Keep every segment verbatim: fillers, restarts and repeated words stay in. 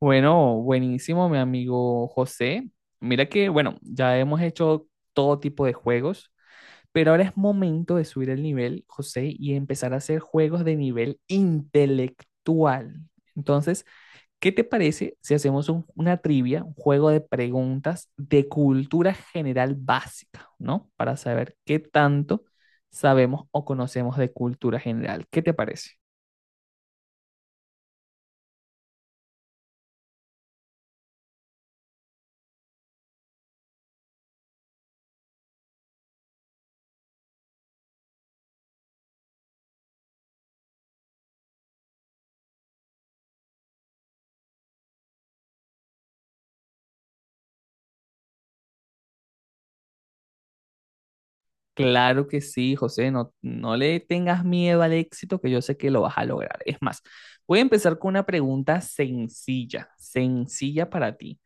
Bueno, buenísimo, mi amigo José. Mira que, bueno, ya hemos hecho todo tipo de juegos, pero ahora es momento de subir el nivel, José, y empezar a hacer juegos de nivel intelectual. Entonces, ¿qué te parece si hacemos un- una trivia, un juego de preguntas de cultura general básica, ¿no? Para saber qué tanto sabemos o conocemos de cultura general. ¿Qué te parece? Claro que sí, José, no, no le tengas miedo al éxito, que yo sé que lo vas a lograr. Es más, voy a empezar con una pregunta sencilla, sencilla para ti.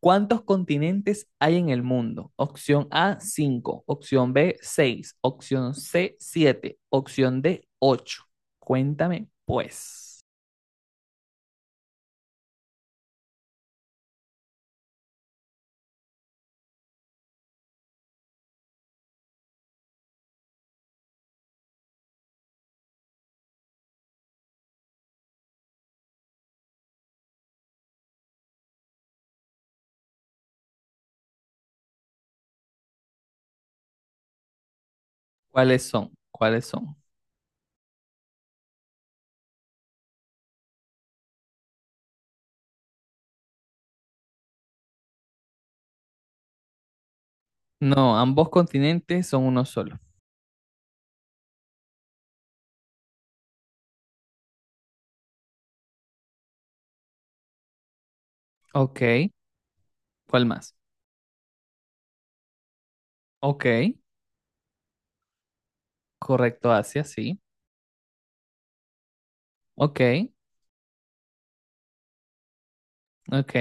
¿Cuántos continentes hay en el mundo? Opción A, cinco. Opción B, seis. Opción C, siete. Opción D, ocho. Cuéntame, pues, ¿cuáles son? ¿Cuáles son? No, ambos continentes son uno solo. Ok, ¿cuál más? Ok, correcto, Asia, sí. Ok, ok.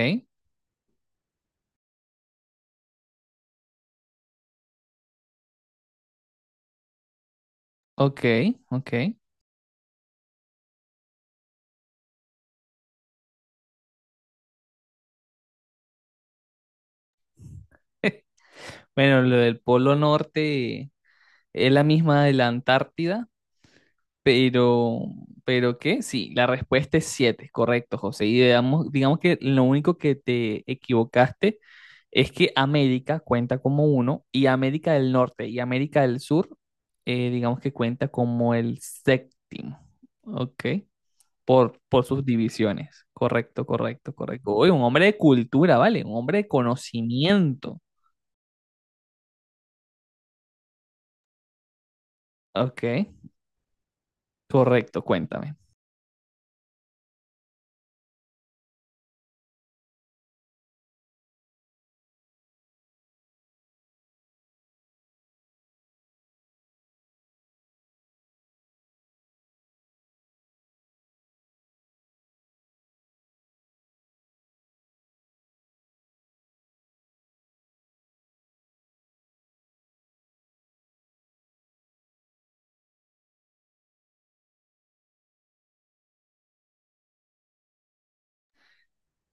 Ok, ok. Bueno, lo del Polo Norte es la misma de la Antártida, pero, ¿pero qué? Sí, la respuesta es siete, correcto, José. Y digamos, digamos que lo único que te equivocaste es que América cuenta como uno y América del Norte y América del Sur, eh, digamos que cuenta como el séptimo, ¿ok? Por, por sus divisiones. Correcto, correcto, correcto. Oye, un hombre de cultura, ¿vale? Un hombre de conocimiento. Ok, correcto, cuéntame.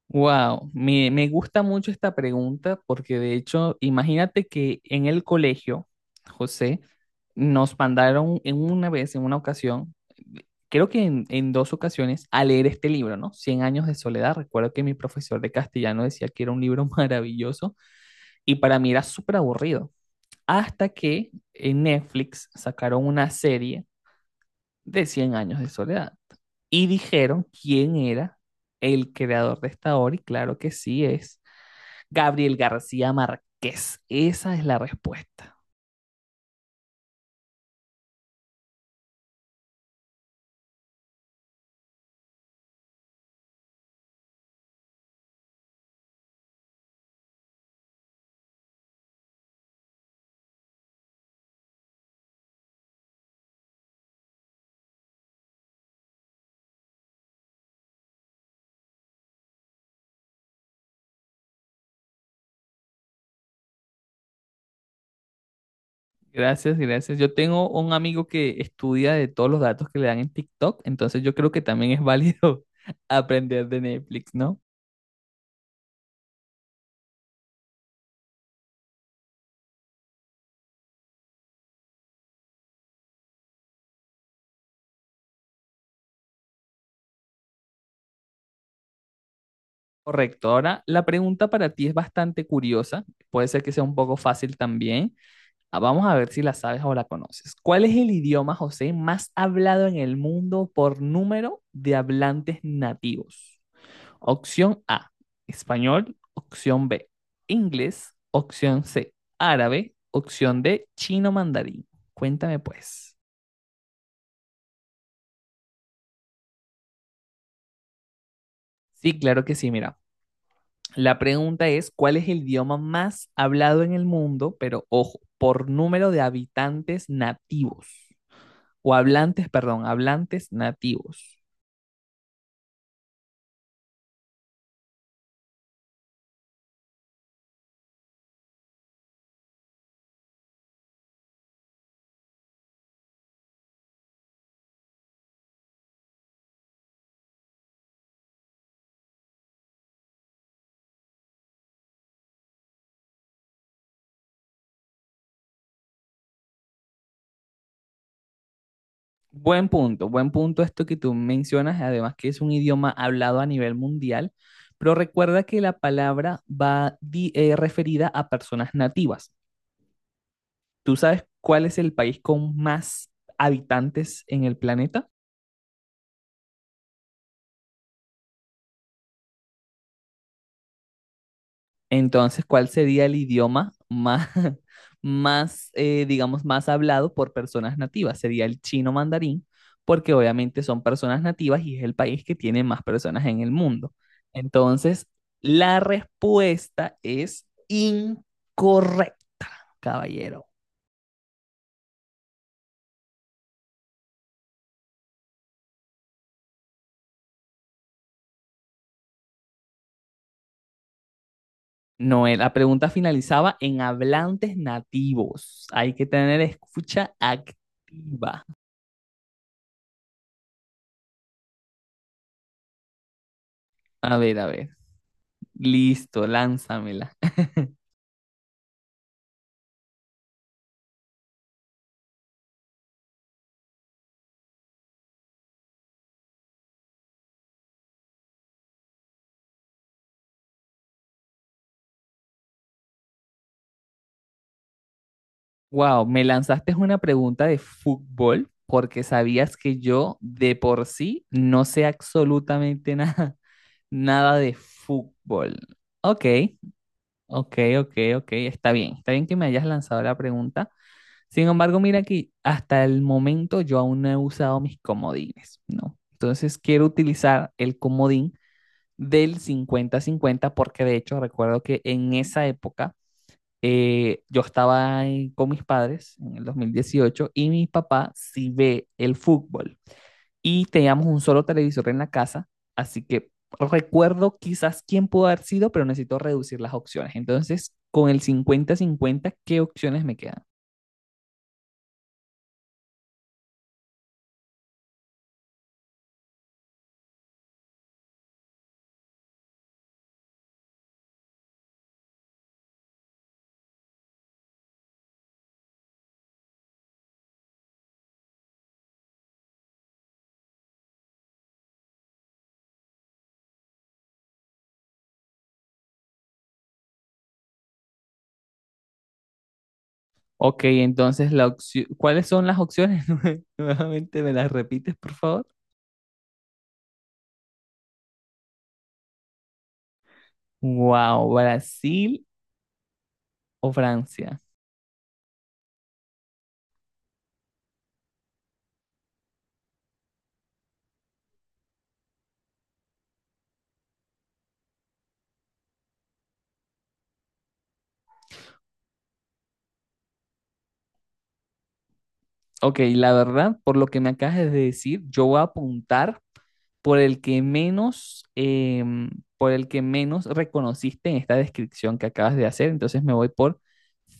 Wow, me, me gusta mucho esta pregunta porque de hecho, imagínate que en el colegio, José, nos mandaron en una vez, en una ocasión, creo que en, en dos ocasiones, a leer este libro, ¿no? Cien años de soledad. Recuerdo que mi profesor de castellano decía que era un libro maravilloso y para mí era súper aburrido. Hasta que en Netflix sacaron una serie de Cien años de soledad. Y dijeron quién era el creador de esta obra y claro que sí es Gabriel García Márquez. Esa es la respuesta. Gracias, gracias. Yo tengo un amigo que estudia de todos los datos que le dan en TikTok, entonces yo creo que también es válido aprender de Netflix, ¿no? Correcto. Ahora, la pregunta para ti es bastante curiosa, puede ser que sea un poco fácil también. Ah, vamos a ver si la sabes o la conoces. ¿Cuál es el idioma, José, más hablado en el mundo por número de hablantes nativos? Opción A, español. Opción B, inglés. Opción C, árabe. Opción D, chino mandarín. Cuéntame pues. Sí, claro que sí, mira. La pregunta es, ¿cuál es el idioma más hablado en el mundo? Pero ojo, por número de habitantes nativos. O hablantes, perdón, hablantes nativos. Buen punto, buen punto esto que tú mencionas, además que es un idioma hablado a nivel mundial, pero recuerda que la palabra va di- eh, referida a personas nativas. ¿Tú sabes cuál es el país con más habitantes en el planeta? Entonces, ¿cuál sería el idioma más, más eh, digamos, más hablado por personas nativas? Sería el chino mandarín, porque obviamente son personas nativas y es el país que tiene más personas en el mundo. Entonces, la respuesta es incorrecta, caballero. No, eh, la pregunta finalizaba en hablantes nativos. Hay que tener escucha activa. A ver, a ver. Listo, lánzamela. Wow, me lanzaste una pregunta de fútbol porque sabías que yo de por sí no sé absolutamente nada, nada de fútbol. Ok, ok, ok, ok, está bien, está bien que me hayas lanzado la pregunta. Sin embargo, mira que hasta el momento yo aún no he usado mis comodines, ¿no? Entonces quiero utilizar el comodín del cincuenta-cincuenta porque de hecho recuerdo que en esa época eh, yo estaba en- con mis padres en el dos mil dieciocho y mi papá sí ve el fútbol. Y teníamos un solo televisor en la casa, así que recuerdo quizás quién pudo haber sido, pero necesito reducir las opciones. Entonces, con el cincuenta cincuenta, ¿qué opciones me quedan? Ok, entonces, la opci- ¿cuáles son las opciones? Nue- Nuevamente, ¿me las repites, por favor? Wow, Brasil o Francia. Ok, la verdad, por lo que me acabas de decir, yo voy a apuntar por el que menos, em, por el que menos reconociste en esta descripción que acabas de hacer, entonces me voy por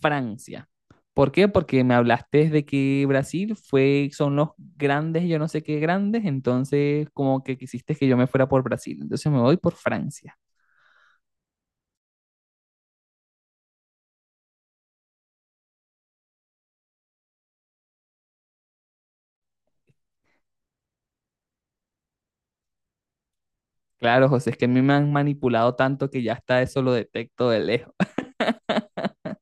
Francia. ¿Por qué? Porque me hablaste de que Brasil fue, son los grandes, yo no sé qué grandes, entonces como que quisiste que yo me fuera por Brasil, entonces me voy por Francia. Claro, José, es que a mí me han manipulado tanto que ya hasta eso lo detecto de lejos.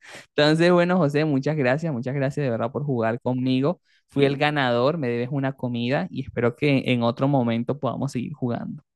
Entonces, bueno, José, muchas gracias, muchas gracias de verdad por jugar conmigo. Fui el ganador, me debes una comida y espero que en otro momento podamos seguir jugando.